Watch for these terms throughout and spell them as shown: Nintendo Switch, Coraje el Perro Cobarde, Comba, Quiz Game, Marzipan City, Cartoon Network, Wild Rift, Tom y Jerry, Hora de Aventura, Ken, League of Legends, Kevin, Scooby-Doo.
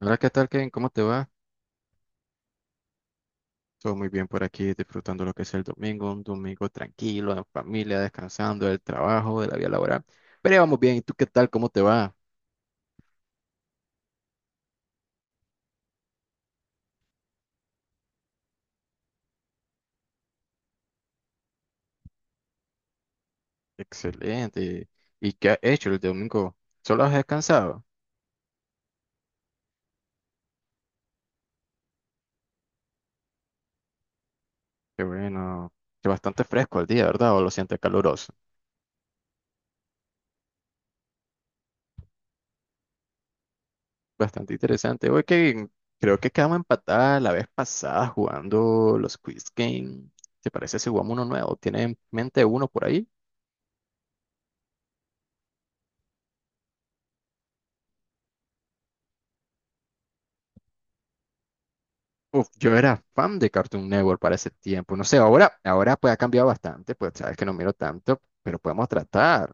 Hola, ¿qué tal, Ken? ¿Cómo te va? Todo muy bien por aquí, disfrutando lo que es el domingo, un domingo tranquilo, en familia, descansando del trabajo, de la vida laboral. Pero ya vamos bien, ¿y tú qué tal? ¿Cómo te va? Excelente. ¿Y qué has hecho el domingo? ¿Solo has descansado? Qué bueno, que bastante fresco el día, ¿verdad? ¿O lo sientes caluroso? Bastante interesante. Oye, Kevin, creo que quedamos empatadas la vez pasada jugando los Quiz Game. ¿Te parece si jugamos uno nuevo? ¿Tienes en mente uno por ahí? Uf, yo era fan de Cartoon Network para ese tiempo. No sé, ahora pues ha cambiado bastante, pues sabes que no miro tanto, pero podemos tratar.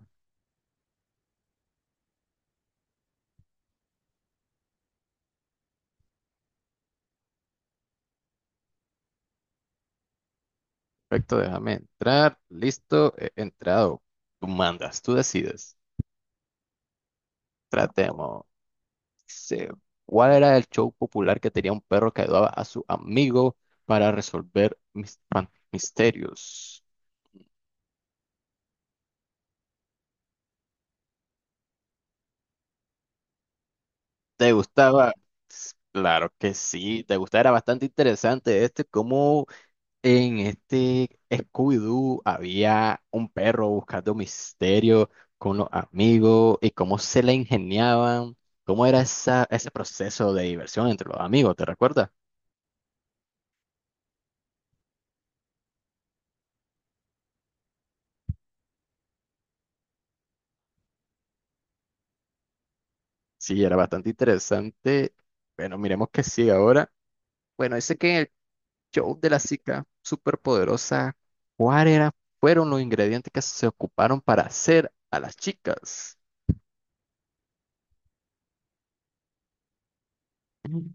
Perfecto, déjame entrar. Listo, he entrado. Tú mandas, tú decides. Tratemos. Dice, ¿cuál era el show popular que tenía un perro que ayudaba a su amigo para resolver misterios? ¿Te gustaba? Claro que sí, te gustaba, era bastante interesante este, cómo en este Scooby-Doo había un perro buscando misterio con los amigos y cómo se le ingeniaban, cómo era esa, ese proceso de diversión entre los amigos, ¿te recuerdas? Sí, era bastante interesante. Bueno, miremos qué sigue ahora. Bueno, dice que en el show de la chica superpoderosa, ¿cuáles fueron los ingredientes que se ocuparon para hacer a las chicas? Mm.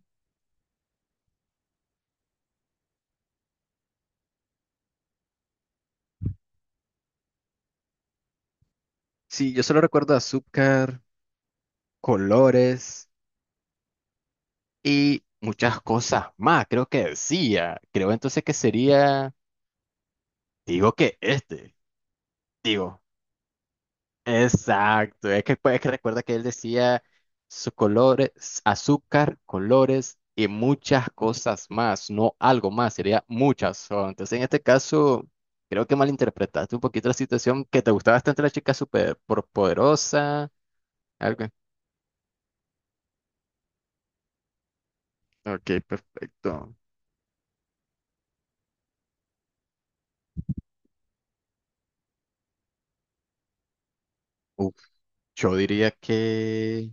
Sí, yo solo recuerdo azúcar, colores y muchas cosas más, creo que decía. Creo entonces que sería, digo que este, digo, exacto. Es que, pues, es que recuerda que él decía sus colores, azúcar, colores y muchas cosas más, no algo más, sería muchas. Son. Entonces, en este caso, creo que malinterpretaste un poquito la situación, que te gustaba bastante la chica súper poderosa, algo. Ok, perfecto. Uf, yo diría que...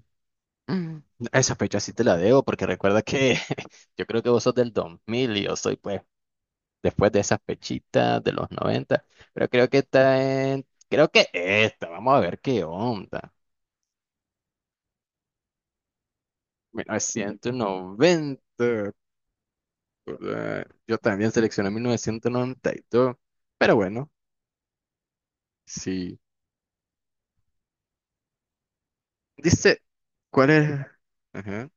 Mm, Esa fecha sí te la debo porque recuerda que yo creo que vos sos del 2000 y yo soy pues después de esas fechitas de los 90, pero creo que está en, creo que esta, vamos a ver qué onda. 1990, por ahí. Yo también seleccioné 1992, pero bueno, sí. Dice, ¿cuál es? Ajá.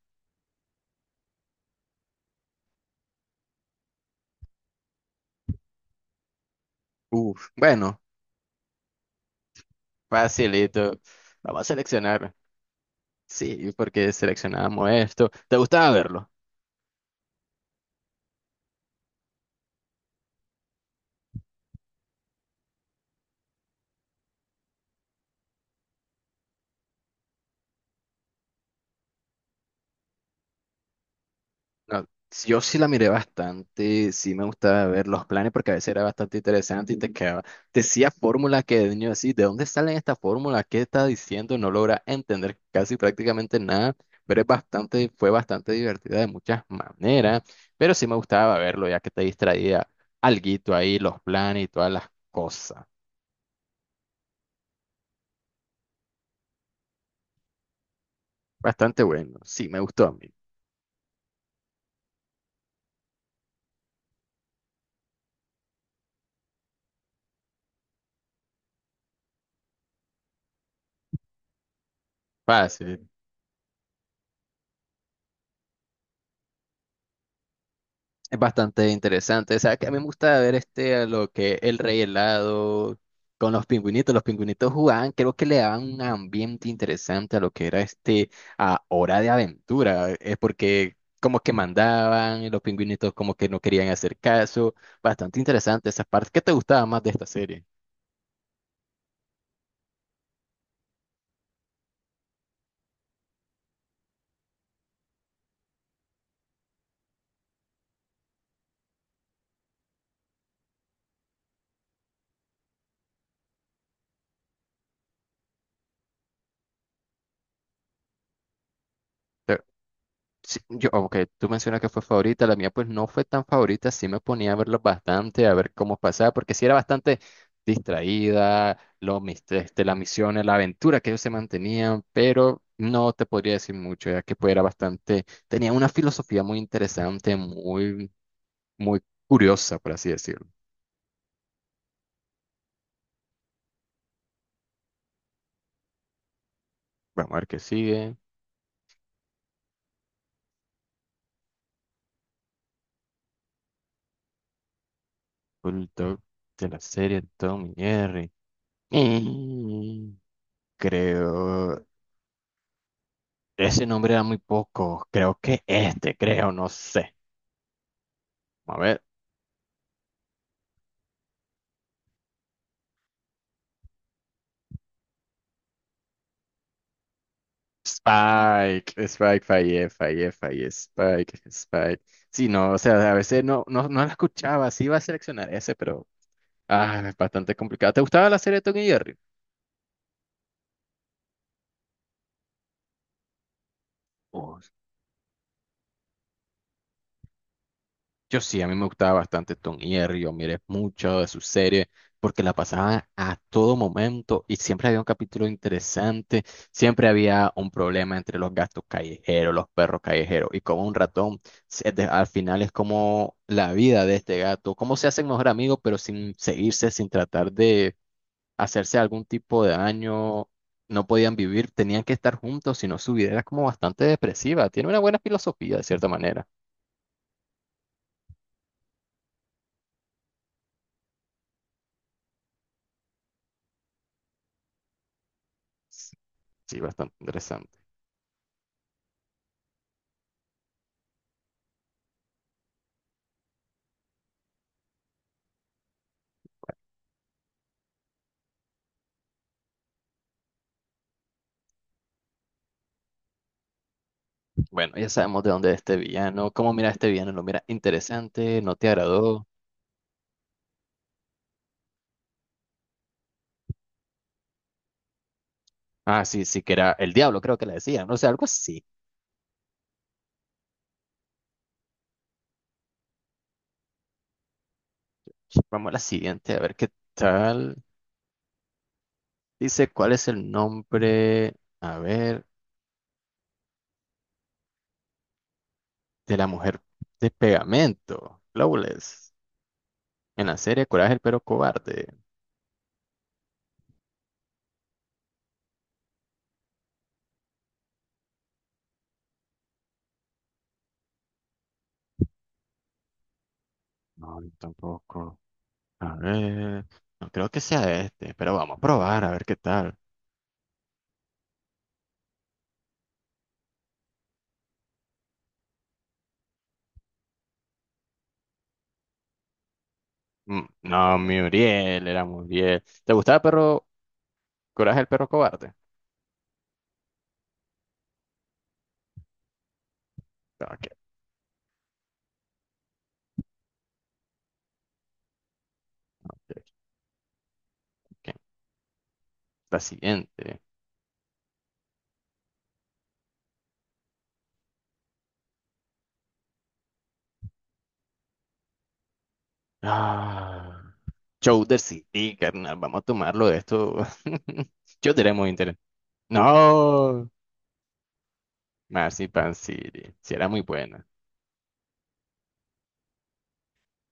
Uf, bueno, facilito. Vamos a seleccionar. Sí, porque seleccionamos esto. ¿Te gustaba verlo? No, sí, yo sí la miré bastante, sí me gustaba ver los planes porque a veces era bastante interesante y te quedaba, te decía fórmulas que de niño así, ¿de dónde salen estas fórmulas? ¿Qué está diciendo? No logra entender casi prácticamente nada, pero es bastante, fue bastante divertida de muchas maneras, pero sí me gustaba verlo ya que te distraía alguito ahí, los planes y todas las cosas. Bastante bueno, sí me gustó a mí. Fácil. Es bastante interesante. O sea, que a mí me gusta ver este, a lo que el rey helado con los pingüinitos. Los pingüinitos jugaban, creo que le daban un ambiente interesante a lo que era este, a Hora de Aventura. Es porque como que mandaban y los pingüinitos como que no querían hacer caso. Bastante interesante esas partes. ¿Qué te gustaba más de esta serie? Sí, yo, ok, tú mencionas que fue favorita, la mía pues no fue tan favorita, sí me ponía a verlo bastante, a ver cómo pasaba, porque sí era bastante distraída, lo, este, las misiones, la aventura que ellos se mantenían, pero no te podría decir mucho, ya que pues era bastante, tenía una filosofía muy interesante, muy, muy curiosa, por así decirlo. Vamos a ver qué sigue. Bulldog de la serie Tom y Jerry. Mm, Creo. Ese nombre era muy poco. Creo que este, creo, no sé. A ver. Spike, Spike, fallé, fallé, fallé, Spike, Spike. Sí, no, o sea, a veces no, no, no la escuchaba, sí iba a seleccionar ese, pero ah, es bastante complicado. ¿Te gustaba la serie de Tom y Jerry? Oh, yo sí, a mí me gustaba bastante Tom y Jerry, yo miré mucho de su serie porque la pasaban a todo momento y siempre había un capítulo interesante, siempre había un problema entre los gatos callejeros, los perros callejeros y como un ratón, al final es como la vida de este gato, cómo se hacen mejor amigos pero sin seguirse, sin tratar de hacerse algún tipo de daño, no podían vivir, tenían que estar juntos, si no su vida era como bastante depresiva, tiene una buena filosofía de cierta manera. Sí, bastante interesante. Bueno, ya sabemos de dónde es este villano. ¿Cómo mira este villano? ¿Lo mira interesante? ¿No te agradó? Ah, sí, sí, que era el diablo, creo que le decían. No sé, algo así. Vamos a la siguiente, a ver qué tal. Dice, ¿cuál es el nombre, a ver, de la mujer de pegamento? Flawless. En la serie Coraje el Perro Cobarde. No, yo tampoco. A ver, no creo que sea este, pero vamos a probar, a ver qué tal. No, Muriel, era Muriel. ¿Te gustaba el perro Coraje el Perro Cobarde? Ok. Ok, ok. La siguiente. Ah, Chowder City, carnal. Vamos a tomarlo de esto. Yo diré muy interesante. No. Marzipan City. Si era muy buena.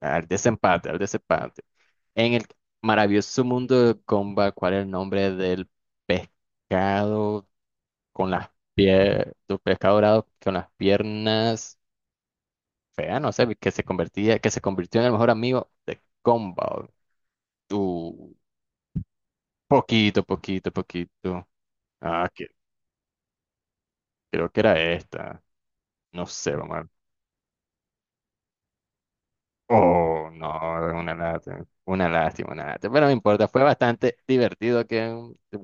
Al desempate, al desempate. En el maravilloso mundo de Comba, ¿cuál es el nombre del pescado con las piernas, pescado dorado con las piernas feas? No sé, que se convertía, que se convirtió en el mejor amigo de Comba. Poquito, poquito, poquito. Ah, que, creo que era esta. No sé, vamos a ver. Oh, no, una lástima. Una lástima, una lástima. Pero no importa, fue bastante divertido, que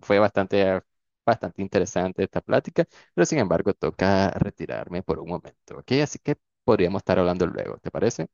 fue bastante, bastante interesante esta plática. Pero sin embargo, toca retirarme por un momento, ¿ok? Así que podríamos estar hablando luego, ¿te parece?